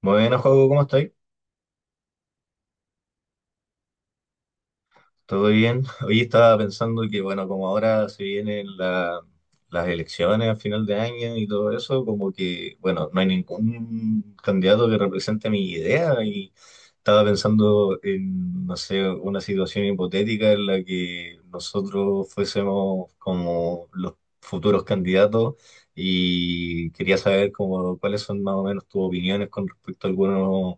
Bueno, Joaco, ¿cómo estás? ¿Todo bien? Hoy estaba pensando que, bueno, como ahora se vienen las elecciones a final de año y todo eso, como que, bueno, no hay ningún candidato que represente mi idea y estaba pensando en, no sé, una situación hipotética en la que nosotros fuésemos como los futuros candidatos y quería saber como cuáles son más o menos tus opiniones con respecto a algunos,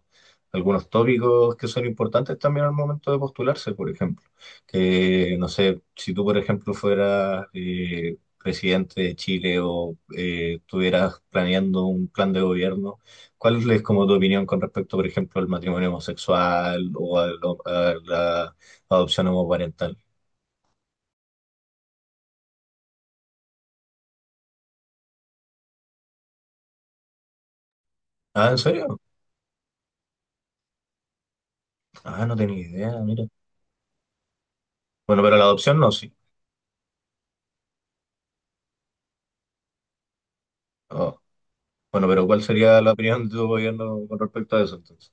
algunos tópicos que son importantes también al momento de postularse, por ejemplo que, no sé, si tú, por ejemplo, fueras presidente de Chile o estuvieras planeando un plan de gobierno, ¿cuál es como tu opinión con respecto, por ejemplo, al matrimonio homosexual o a la adopción homoparental? Ah, ¿en serio? Ah, no tenía idea, mira. Bueno, pero la adopción no, sí. Oh, bueno, pero ¿cuál sería la opinión de tu gobierno con respecto a eso entonces?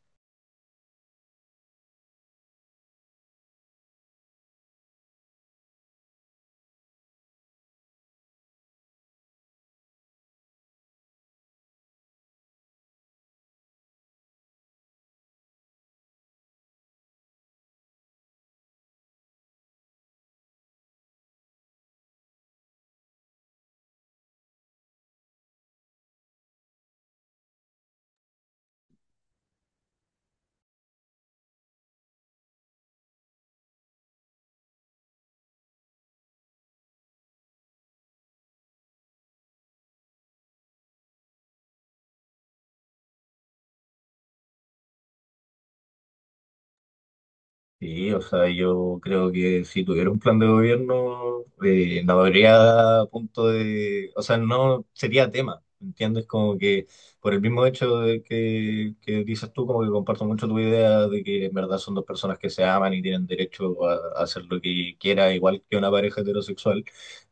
Sí, o sea, yo creo que si tuviera un plan de gobierno, no habría punto de, o sea, no sería tema, ¿entiendes? Como que por el mismo hecho de que dices tú, como que comparto mucho tu idea de que en verdad son dos personas que se aman y tienen derecho a hacer lo que quiera, igual que una pareja heterosexual.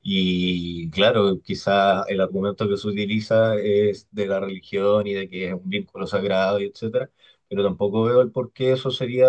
Y claro, quizás el argumento que se utiliza es de la religión y de que es un vínculo sagrado y etcétera, pero tampoco veo el por qué eso sería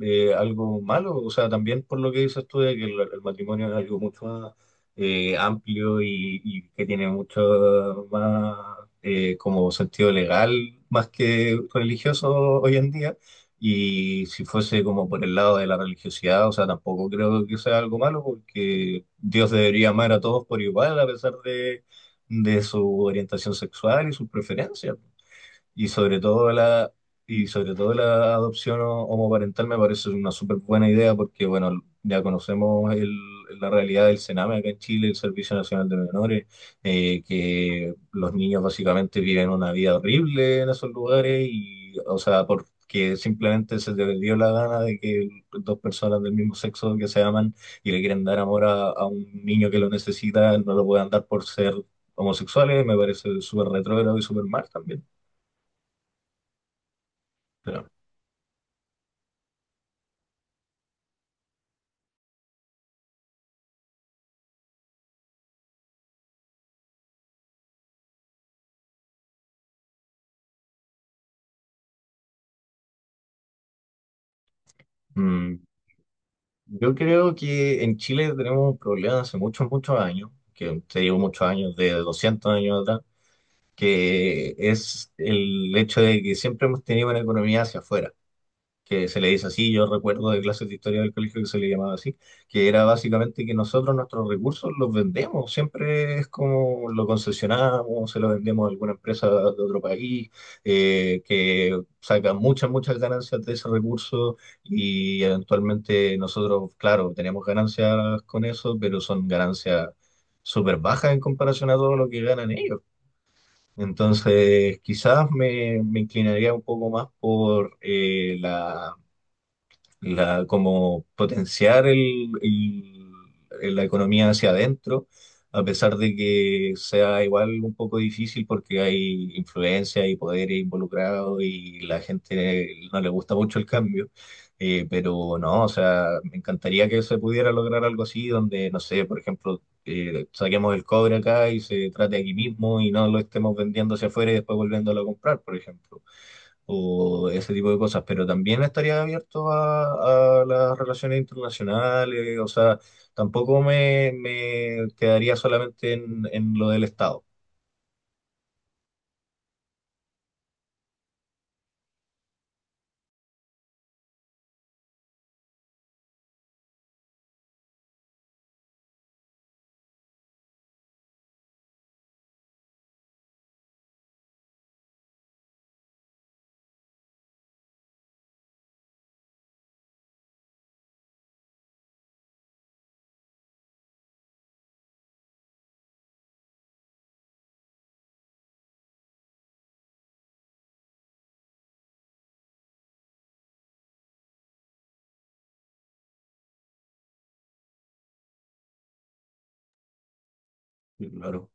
algo malo, o sea, también por lo que dices tú de que el matrimonio es algo mucho más amplio y que tiene mucho más como sentido legal más que religioso hoy en día. Y si fuese como por el lado de la religiosidad, o sea, tampoco creo que sea algo malo porque Dios debería amar a todos por igual a pesar de su orientación sexual y sus preferencias. Y sobre todo la, y sobre todo la adopción homoparental me parece una súper buena idea porque, bueno, ya conocemos la realidad del Sename acá en Chile, el Servicio Nacional de Menores, que los niños básicamente viven una vida horrible en esos lugares y, o sea, porque simplemente se les dio la gana de que dos personas del mismo sexo que se aman y le quieren dar amor a un niño que lo necesita, no lo puedan dar por ser homosexuales, me parece súper retrógrado y súper mal también. Mm, Yo creo que en Chile tenemos un problema hace muchos, muchos años, que te digo muchos años, de 200 años atrás, que es el hecho de que siempre hemos tenido una economía hacia afuera que se le dice así, yo recuerdo de clases de historia del colegio que se le llamaba así, que era básicamente que nosotros nuestros recursos los vendemos, siempre es como lo concesionamos, se lo vendemos a alguna empresa de otro país, que saca muchas, muchas ganancias de ese recurso y eventualmente nosotros, claro, tenemos ganancias con eso, pero son ganancias súper bajas en comparación a todo lo que ganan ellos. Entonces, quizás me inclinaría un poco más por como potenciar la economía hacia adentro, a pesar de que sea igual un poco difícil porque hay influencia y poderes involucrados y la gente no le gusta mucho el cambio. Pero no, o sea, me encantaría que se pudiera lograr algo así, donde, no sé, por ejemplo, saquemos el cobre acá y se trate aquí mismo y no lo estemos vendiendo hacia afuera y después volviéndolo a comprar, por ejemplo, o ese tipo de cosas. Pero también estaría abierto a las relaciones internacionales, o sea, tampoco me quedaría solamente en lo del Estado. Claro,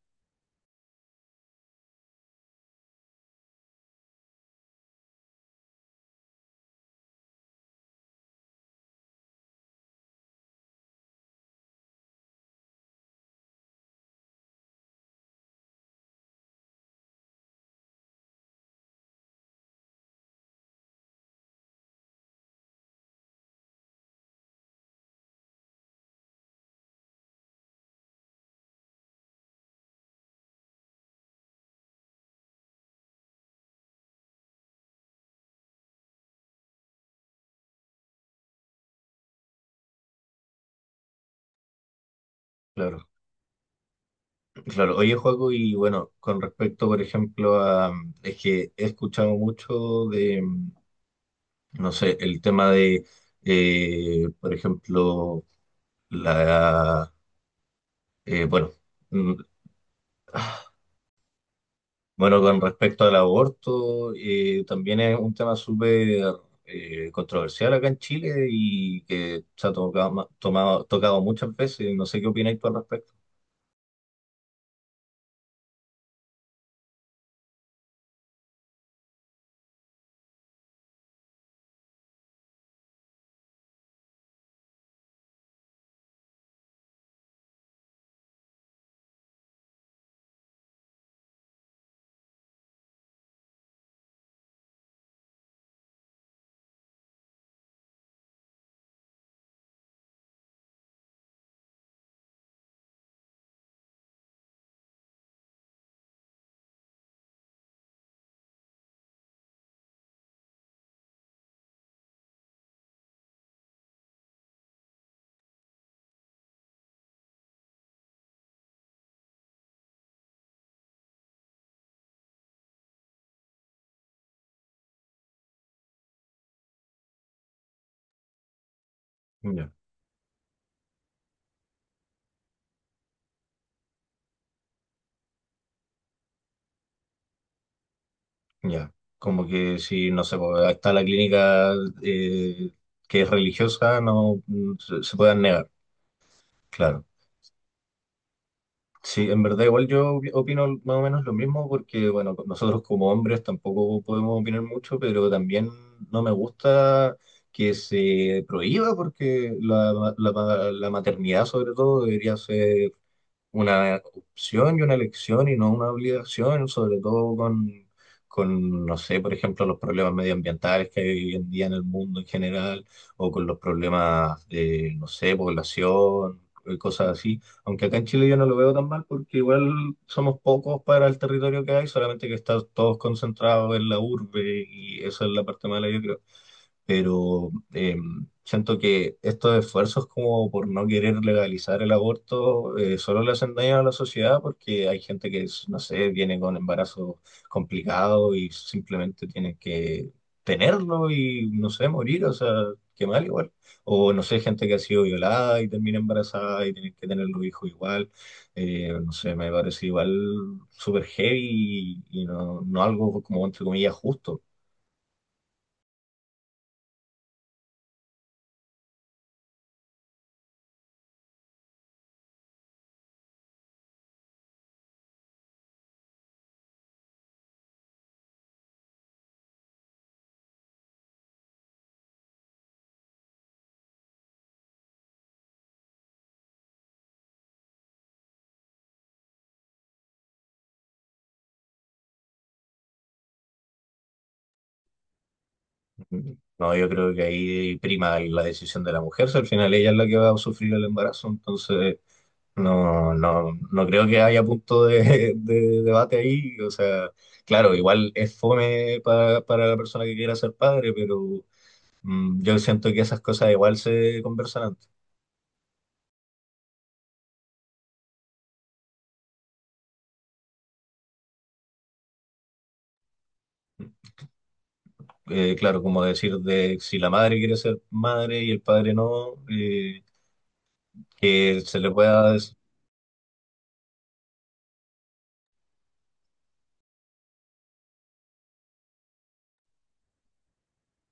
claro, claro. Oye, Joaco, y bueno, con respecto, por ejemplo, es que he escuchado mucho de, no sé, el tema por ejemplo, La, bueno, mm, bueno, con respecto al aborto, también es un tema súper controversial acá en Chile y que se ha tocado, muchas veces. No sé qué opináis tú al respecto. Ya, ya. Como que si, no sé, pues, ahí está la clínica eh, que es religiosa, no, se puedan negar. Claro. Sí, en verdad igual yo opino más o menos lo mismo porque, bueno, nosotros como hombres tampoco podemos opinar mucho, pero también no me gusta que se prohíba porque la maternidad sobre todo debería ser una opción y una elección y no una obligación, sobre todo con, no sé, por ejemplo, los problemas medioambientales que hay hoy en día en el mundo en general, o con los problemas de, no sé, población, cosas así. Aunque acá en Chile yo no lo veo tan mal porque igual somos pocos para el territorio que hay, solamente que está todos concentrados en la urbe y esa es la parte mala, yo creo, pero siento que estos esfuerzos como por no querer legalizar el aborto solo le hacen daño a la sociedad porque hay gente que, es, no sé, viene con embarazo complicado y simplemente tiene que tenerlo y, no sé, morir, o sea, qué mal igual. O, no sé, gente que ha sido violada y termina embarazada y tiene que tener los hijos igual. No sé, me parece igual súper heavy y no, no algo como, entre comillas, justo. No, yo creo que ahí prima la decisión de la mujer, si al final ella es la que va a sufrir el embarazo, entonces no, no, no creo que haya punto de debate ahí. O sea, claro, igual es fome para la persona que quiera ser padre, pero yo siento que esas cosas igual se conversan antes. Claro, como decir de si la madre quiere ser madre y el padre no, que se le pueda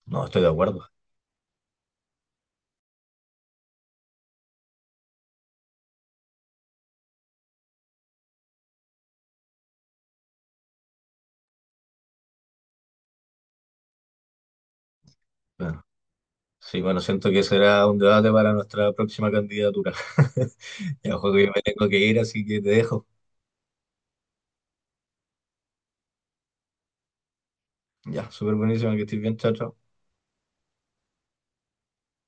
No, estoy de acuerdo. Claro. Sí, bueno, siento que será un debate para nuestra próxima candidatura. Ya, Joaco, me tengo que ir, así que te dejo. Ya, súper buenísimo que estés bien, chao, chao.